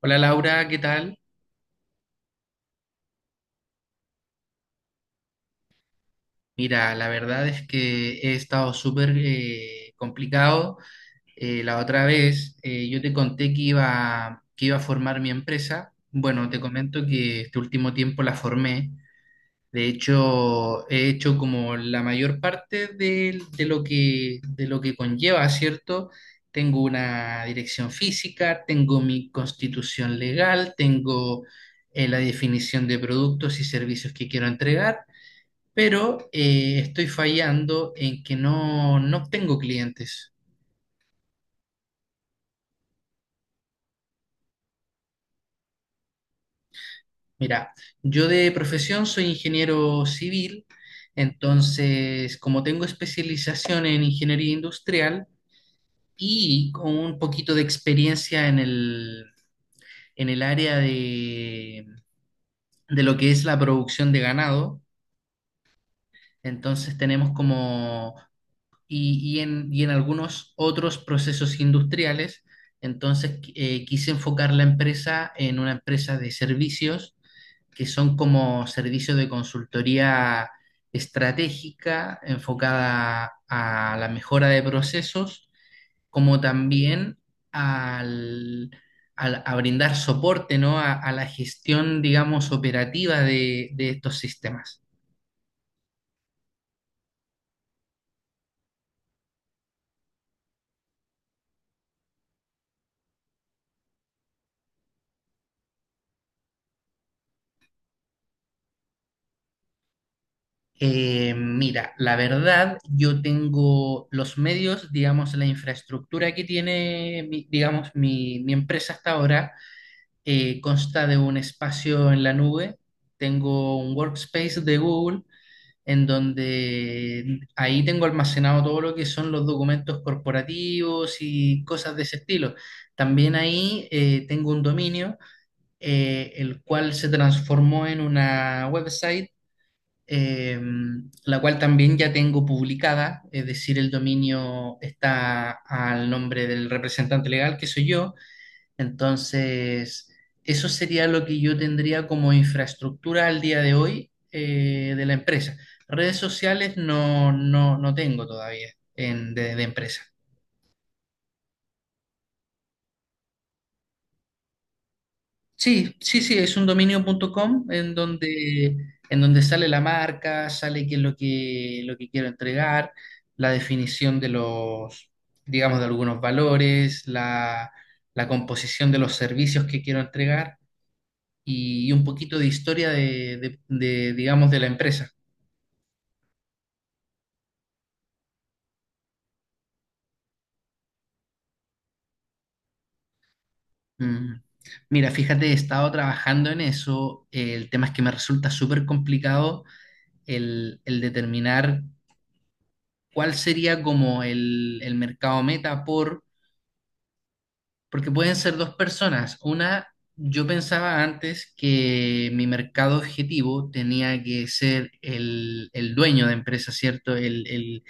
Hola Laura, ¿qué tal? Mira, la verdad es que he estado súper complicado. La otra vez yo te conté que iba a formar mi empresa. Bueno, te comento que este último tiempo la formé. De hecho, he hecho como la mayor parte de lo que conlleva, ¿cierto? Tengo una dirección física, tengo mi constitución legal, tengo la definición de productos y servicios que quiero entregar. Pero estoy fallando en que no obtengo clientes. Mira, yo de profesión soy ingeniero civil, entonces como tengo especialización en ingeniería industrial y con un poquito de experiencia en el área de lo que es la producción de ganado, entonces tenemos como y en algunos otros procesos industriales. Entonces, quise enfocar la empresa en una empresa de servicios, que son como servicios de consultoría estratégica enfocada a la mejora de procesos, como también al, a brindar soporte, ¿no? A la gestión, digamos, operativa de estos sistemas. Mira, la verdad, yo tengo los medios, digamos, la infraestructura que tiene, digamos, mi empresa hasta ahora, consta de un espacio en la nube. Tengo un workspace de Google en donde ahí tengo almacenado todo lo que son los documentos corporativos y cosas de ese estilo. También ahí tengo un dominio, el cual se transformó en una website, eh, la cual también ya tengo publicada, es decir, el dominio está al nombre del representante legal, que soy yo. Entonces, eso sería lo que yo tendría como infraestructura al día de hoy de la empresa. Redes sociales no, no tengo todavía de empresa. Sí, sí, sí, es un dominio.com en donde sale la marca, sale qué es lo que quiero entregar, la definición de los, digamos, de algunos valores, la composición de los servicios que quiero entregar y un poquito de historia de, digamos, de la empresa. Mm. Mira, fíjate, he estado trabajando en eso. El tema es que me resulta súper complicado el determinar ¿cuál sería como el mercado meta? Porque pueden ser dos personas. Una, yo pensaba antes que mi mercado objetivo tenía que ser el dueño de empresa, ¿cierto?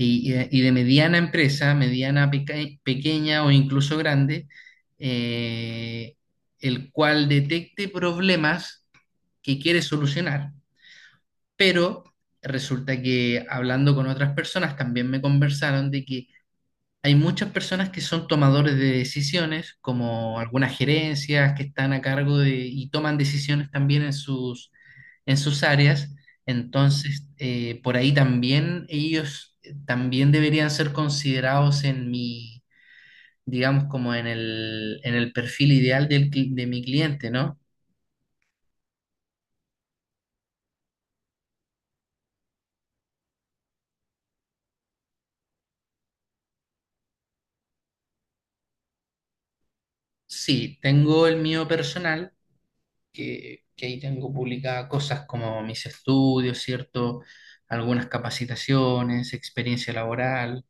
Y, y de mediana empresa, mediana, pequeña o incluso grande, eh, el cual detecte problemas que quiere solucionar, pero... resulta que hablando con otras personas también me conversaron de que hay muchas personas que son tomadores de decisiones, como algunas gerencias que están a cargo de y toman decisiones también en sus áreas. Entonces, por ahí también ellos también deberían ser considerados en mi, digamos, como en el perfil ideal de mi cliente, ¿no? Sí, tengo el mío personal que ahí tengo publicadas cosas como mis estudios, ¿cierto? Algunas capacitaciones, experiencia laboral.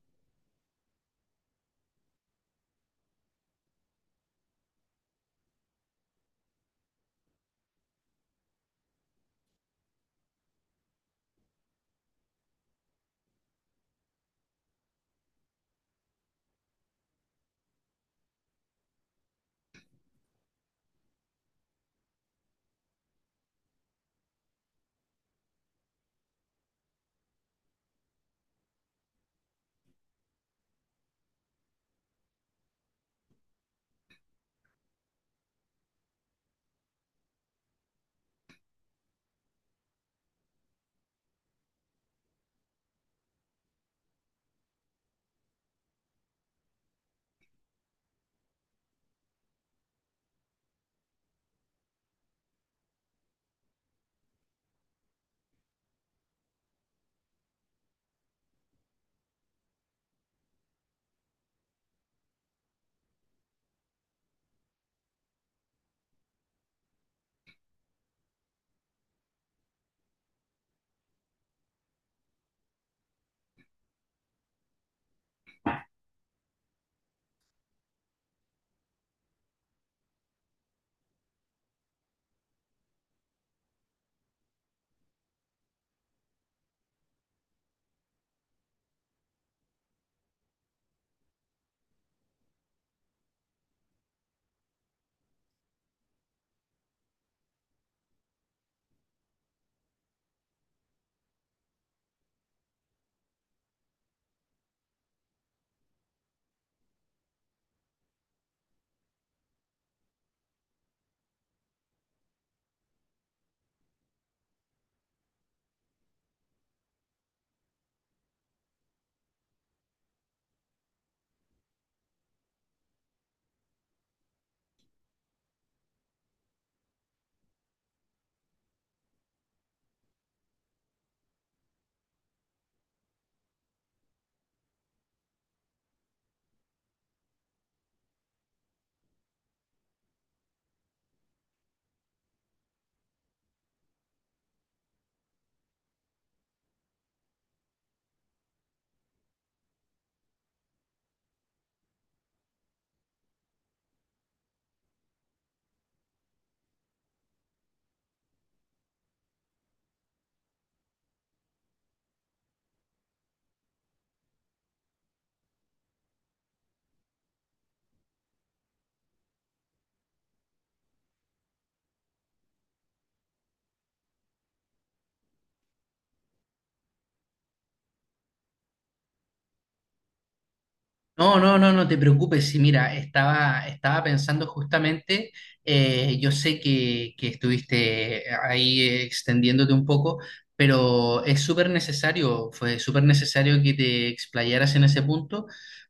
No, no, no, no te preocupes. Sí, mira, estaba pensando justamente, yo sé que estuviste ahí extendiéndote un poco, pero es súper necesario, fue súper necesario que te explayaras en ese punto,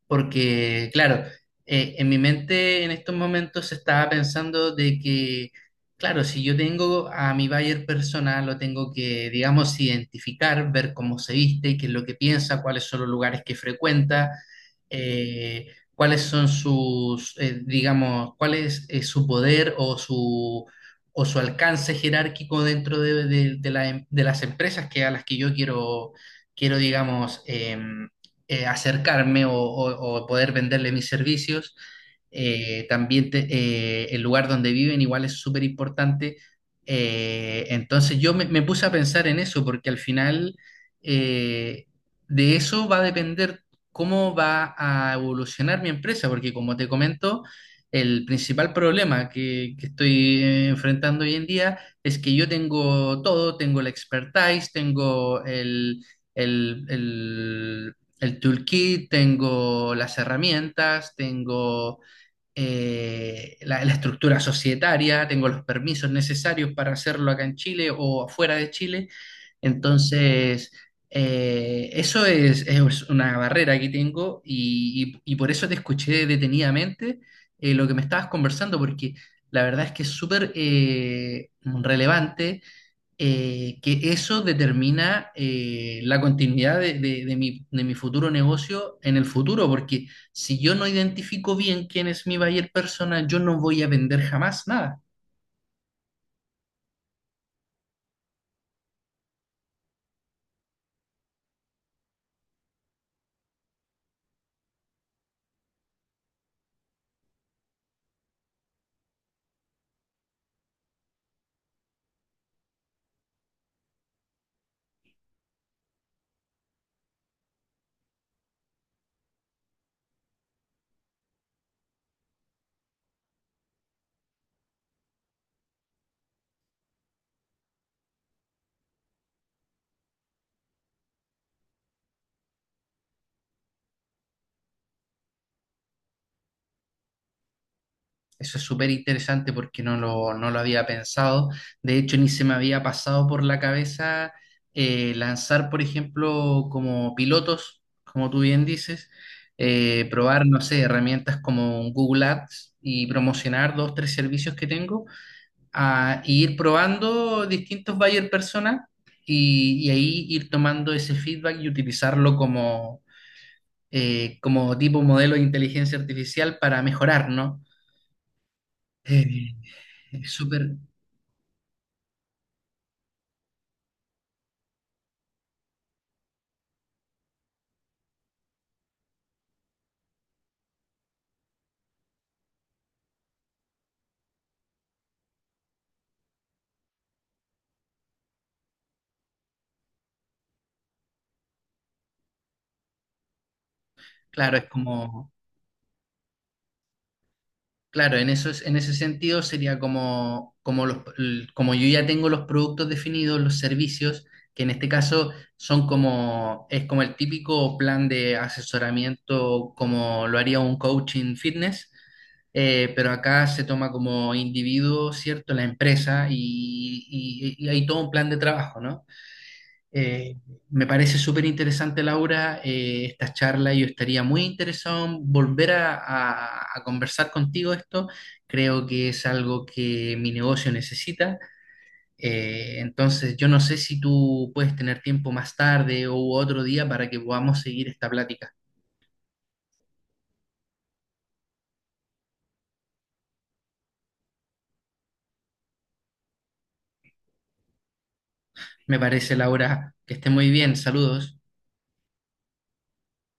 porque, claro, en mi mente en estos momentos estaba pensando de que, claro, si yo tengo a mi buyer personal, lo tengo que, digamos, identificar, ver cómo se viste, qué es lo que piensa, cuáles son los lugares que frecuenta, eh, cuáles son sus, digamos, cuál es su poder o su alcance jerárquico dentro de de las empresas que, a las que yo quiero, quiero digamos, acercarme o poder venderle mis servicios. También el lugar donde viven igual es súper importante. Entonces yo me puse a pensar en eso porque al final eh, de eso va a depender cómo va a evolucionar mi empresa, porque como te comento, el principal problema que estoy enfrentando hoy en día es que yo tengo todo, tengo la expertise, tengo el, el, el toolkit, tengo las herramientas, tengo la, la estructura societaria, tengo los permisos necesarios para hacerlo acá en Chile o afuera de Chile. Entonces, eso es una barrera que tengo y por eso te escuché detenidamente lo que me estabas conversando, porque la verdad es que es súper relevante, que eso determina la continuidad de mi futuro negocio en el futuro, porque si yo no identifico bien quién es mi buyer persona, yo no voy a vender jamás nada. Eso es súper interesante porque no lo había pensado. De hecho, ni se me había pasado por la cabeza lanzar, por ejemplo, como pilotos, como tú bien dices, probar, no sé, herramientas como un Google Ads y promocionar dos, tres servicios que tengo a ir probando distintos buyer personas y ahí ir tomando ese feedback y utilizarlo como, como tipo modelo de inteligencia artificial para mejorar, ¿no? Eh, es súper, claro, es como claro, en eso, en ese sentido sería como, como, los, como yo ya tengo los productos definidos, los servicios, que en este caso son como, es como el típico plan de asesoramiento como lo haría un coaching fitness, pero acá se toma como individuo, ¿cierto? La empresa y hay todo un plan de trabajo, ¿no? Eh, Me parece súper interesante, Laura, esta charla. Yo estaría muy interesado en volver a conversar contigo esto. Creo que es algo que mi negocio necesita. Entonces, yo no sé si tú puedes tener tiempo más tarde o otro día para que podamos seguir esta plática. Me parece, Laura, que esté muy bien. Saludos.